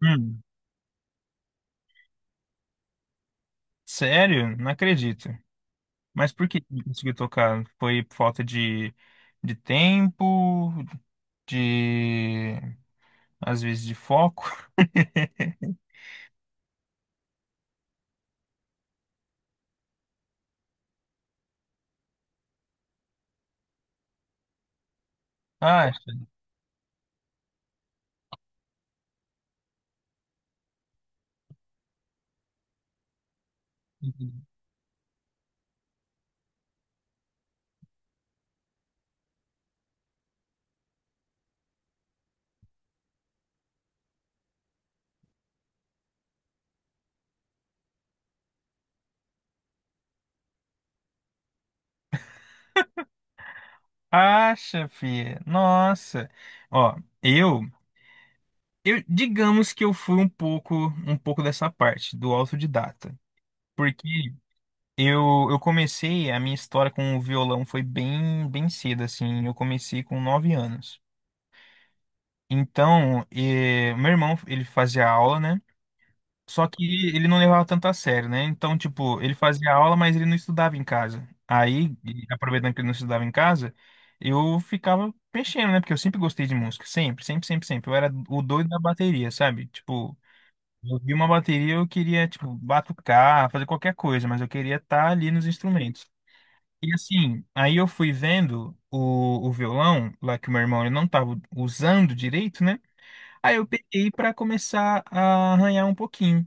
Hum, Sério? Não acredito. Mas por que não conseguiu tocar? Foi por falta de tempo, de... às vezes de foco? Acha? Acha, filha. Nossa. Ó, eu, eu digamos que eu fui um pouco dessa parte do autodidata, porque eu comecei a minha história com o violão foi bem, bem cedo assim. Eu comecei com 9 anos. Então, meu irmão, ele fazia aula, né? Só que ele não levava tanto a sério, né? Então, tipo, ele fazia aula, mas ele não estudava em casa. Aí, e aproveitando que ele não estudava em casa, eu ficava mexendo, né? Porque eu sempre gostei de música, sempre, sempre, sempre, sempre. Eu era o doido da bateria, sabe? Tipo, eu vi uma bateria, eu queria, tipo, batucar, fazer qualquer coisa, mas eu queria estar ali nos instrumentos. E assim, aí eu fui vendo o violão, lá que o meu irmão ele não estava usando direito, né? Aí eu peguei para começar a arranhar um pouquinho.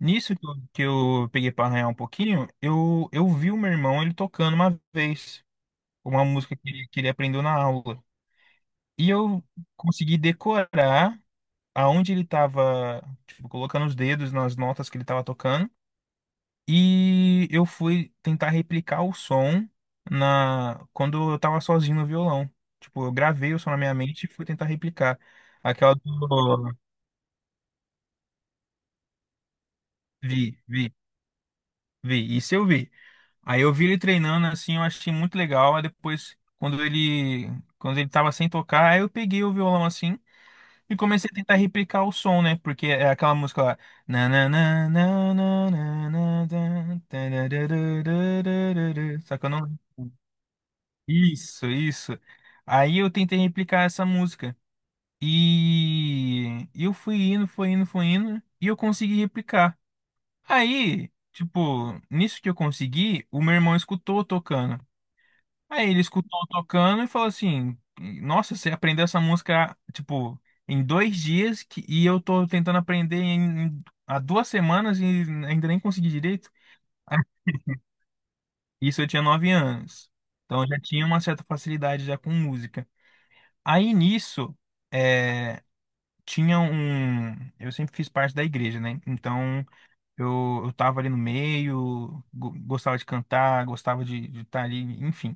Nisso que eu peguei para arranhar um pouquinho, eu vi o meu irmão ele tocando uma vez, uma música que ele aprendeu na aula. E eu consegui decorar aonde ele estava, tipo, colocando os dedos nas notas que ele estava tocando. E eu fui tentar replicar o som na quando eu estava sozinho no violão. Tipo, eu gravei o som na minha mente e fui tentar replicar. Aquela do Vi, vi. Vi, isso eu vi. Aí eu vi ele treinando assim, eu achei muito legal. Aí depois, quando ele tava sem tocar, aí eu peguei o violão assim e comecei a tentar replicar o som, né? Porque é aquela música lá. Na, na, na, na, na, na, na, na, tarararararara. Só que eu não. Isso, isso. Aí eu tentei replicar essa música. E eu fui indo, fui indo, fui indo, e eu consegui replicar. Aí, tipo, nisso que eu consegui, o meu irmão escutou eu tocando. Aí ele escutou eu tocando e falou assim: Nossa, você aprendeu essa música, tipo, em 2 dias que, e eu tô tentando aprender há 2 semanas e ainda nem consegui direito. Aí, isso eu tinha 9 anos. Então eu já tinha uma certa facilidade já com música. Aí nisso, é, tinha um. Eu sempre fiz parte da igreja, né? Então. Eu tava ali no meio, gostava de cantar, gostava de estar ali, enfim.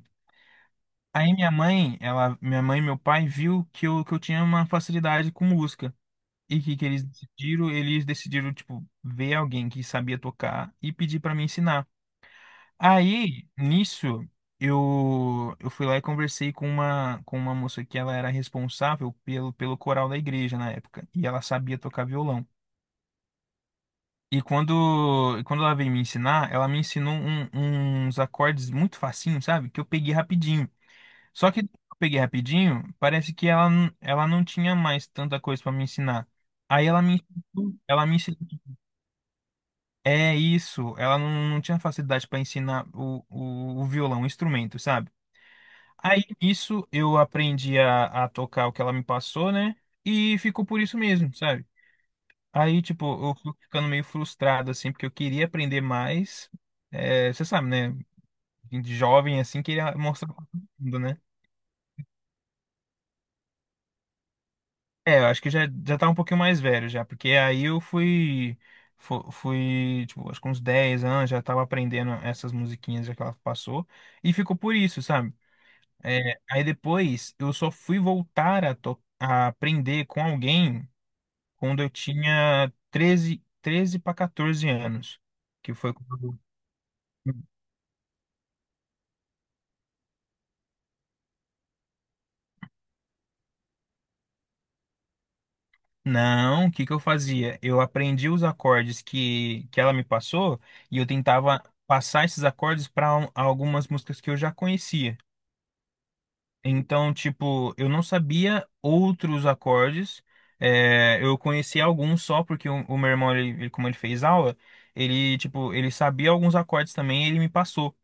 Aí minha mãe e meu pai viu que eu, tinha uma facilidade com música. E que eles decidiram, tipo, ver alguém que sabia tocar e pedir para me ensinar. Aí, nisso, eu fui lá e conversei com uma moça que ela era responsável pelo coral da igreja na época. E ela sabia tocar violão. E quando ela veio me ensinar, ela me ensinou uns acordes muito facinho, sabe? Que eu peguei rapidinho. Só que eu peguei rapidinho, parece que ela não tinha mais tanta coisa pra me ensinar. Aí ela me, ensinou- ela me ensinou. É isso, ela não tinha facilidade pra ensinar o violão, o instrumento, sabe? Aí isso eu aprendi a tocar o que ela me passou, né? E ficou por isso mesmo, sabe? Aí, tipo, eu fui ficando meio frustrado, assim, porque eu queria aprender mais. É, você sabe, né? De jovem, assim, queria mostrar pra todo mundo, né? É, eu acho que já tá um pouquinho mais velho já, porque aí eu fui, tipo, acho que uns 10 anos, já tava aprendendo essas musiquinhas já que ela passou, e ficou por isso, sabe? É, aí depois eu só fui voltar a aprender com alguém quando eu tinha treze para 14 anos, que foi quando. Não, o que que eu fazia? Eu aprendi os acordes que ela me passou e eu tentava passar esses acordes para algumas músicas que eu já conhecia. Então, tipo, eu não sabia outros acordes, eu conhecia alguns só porque o meu irmão, como ele fez aula, ele, tipo, ele sabia alguns acordes também e ele me passou.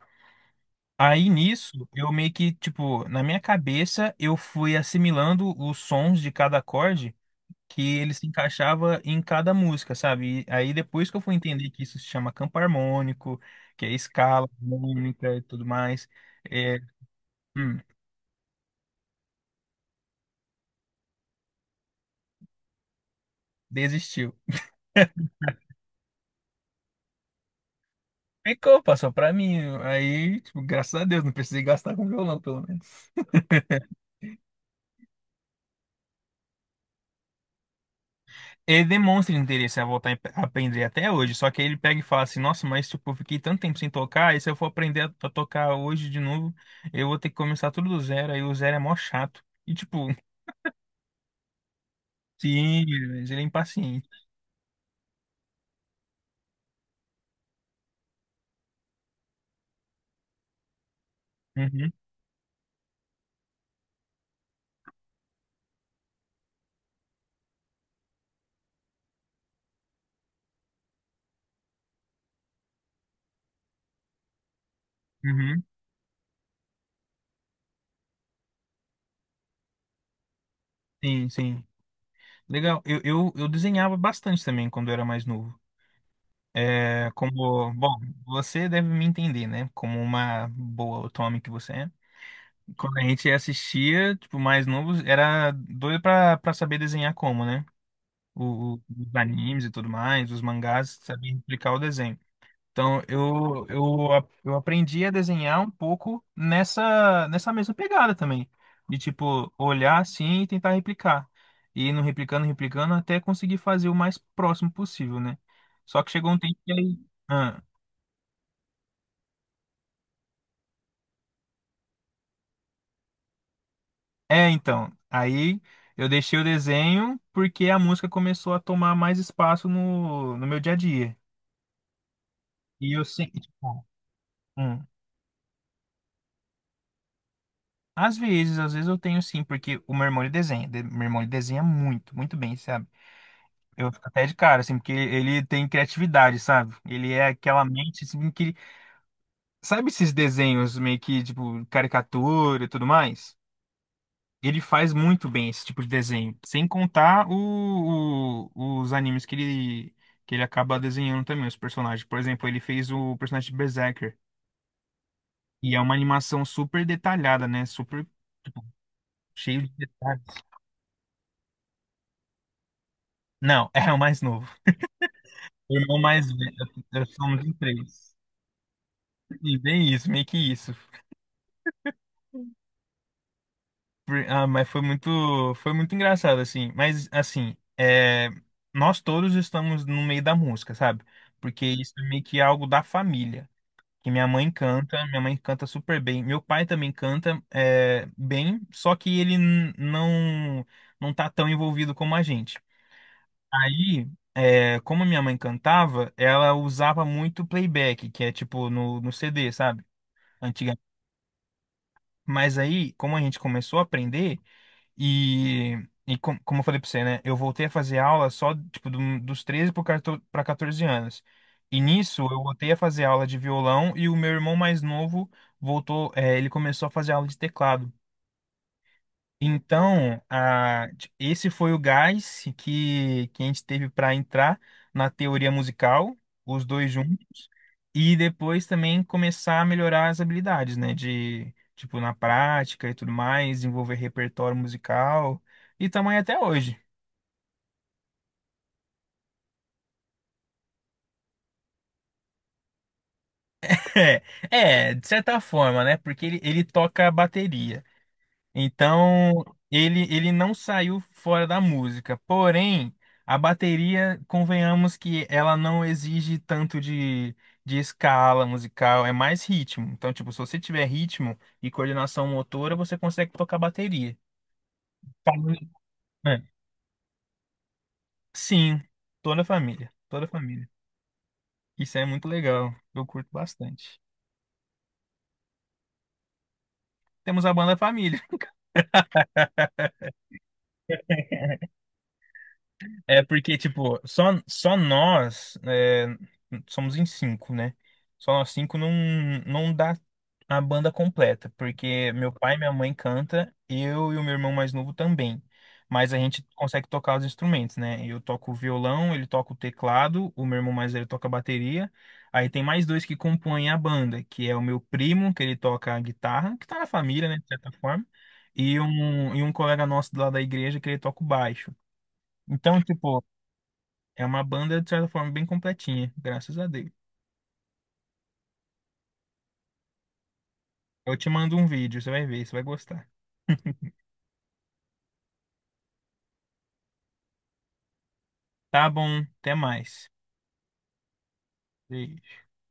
Aí nisso, eu meio que, tipo, na minha cabeça, eu fui assimilando os sons de cada acorde que ele se encaixava em cada música, sabe? E aí depois que eu fui entender que isso se chama campo harmônico, que é escala harmônica e tudo mais, é, hum, desistiu. Ficou, passou pra mim. Aí, tipo, graças a Deus, não precisei gastar com violão, pelo menos. Ele demonstra interesse a voltar a aprender até hoje, só que aí ele pega e fala assim: Nossa, mas tipo, eu fiquei tanto tempo sem tocar, e se eu for aprender a tocar hoje de novo, eu vou ter que começar tudo do zero, aí o zero é mó chato. E tipo, sim, mas ele é impaciente. Uhum, uhum. Sim, sim. Legal. Eu desenhava bastante também quando eu era mais novo. É, como, bom, você deve me entender, né? Como uma boa otome que você é. Quando a gente assistia, tipo, mais novos, era doido pra saber desenhar como, né? Os animes e tudo mais, os mangás, sabia explicar o desenho. Então, eu aprendi a desenhar um pouco nessa mesma pegada também. De, tipo, olhar assim e tentar replicar. E indo replicando, replicando, até conseguir fazer o mais próximo possível, né? Só que chegou um tempo que aí. Ah, então. Aí eu deixei o desenho porque a música começou a tomar mais espaço no meu dia a dia. E eu sempre, tipo, hum, às vezes eu tenho sim, porque o meu irmão ele desenha. Meu irmão ele desenha muito, muito bem, sabe? Eu fico até de cara, assim, porque ele tem criatividade, sabe? Ele é aquela mente, assim, que. Sabe esses desenhos meio que, tipo, caricatura e tudo mais? Ele faz muito bem esse tipo de desenho. Sem contar os animes que ele, acaba desenhando também, os personagens. Por exemplo, ele fez o personagem de Berserker. E é uma animação super detalhada, né? Super, tipo, cheio de detalhes. Não, é o mais novo. O irmão mais velho. Somos em três. E bem isso, meio que isso. Ah, mas foi muito engraçado, assim. Mas, assim, nós todos estamos no meio da música, sabe? Porque isso é meio que algo da família. Que minha mãe canta super bem. Meu pai também canta bem, só que ele não tá tão envolvido como a gente. Aí, como minha mãe cantava, ela usava muito playback, que é tipo no CD, sabe? Antiga. Mas aí, como a gente começou a aprender. E, como eu falei pra você, né? Eu voltei a fazer aula só, tipo, dos 13 pro 14 pra 14 anos. E nisso, eu voltei a fazer aula de violão e o meu irmão mais novo ele começou a fazer aula de teclado. Então, esse foi o gás que a gente teve para entrar na teoria musical, os dois juntos, e depois também começar a melhorar as habilidades, né? De, tipo, na prática e tudo mais, desenvolver repertório musical e tamanho até hoje. É, é, de certa forma, né? Porque ele toca a bateria. Então, ele não saiu fora da música. Porém, a bateria, convenhamos que ela não exige tanto de escala musical, é mais ritmo. Então, tipo, se você tiver ritmo e coordenação motora, você consegue tocar bateria. Família. É. Sim, toda a família, toda a família. Isso é muito legal, eu curto bastante. Temos a banda Família. É porque, tipo, só nós somos em cinco, né? Só nós cinco não dá a banda completa, porque meu pai e minha mãe canta, eu e o meu irmão mais novo também. Mas a gente consegue tocar os instrumentos, né? Eu toco o violão, ele toca o teclado, o meu irmão mais velho toca a bateria. Aí tem mais dois que compõem a banda, que é o meu primo, que ele toca a guitarra, que tá na família, né, de certa forma, e um colega nosso lá da igreja que ele toca o baixo. Então, tipo, é uma banda, de certa forma, bem completinha, graças a Deus. Eu te mando um vídeo, você vai ver, você vai gostar. Tá bom, até mais. Beijo.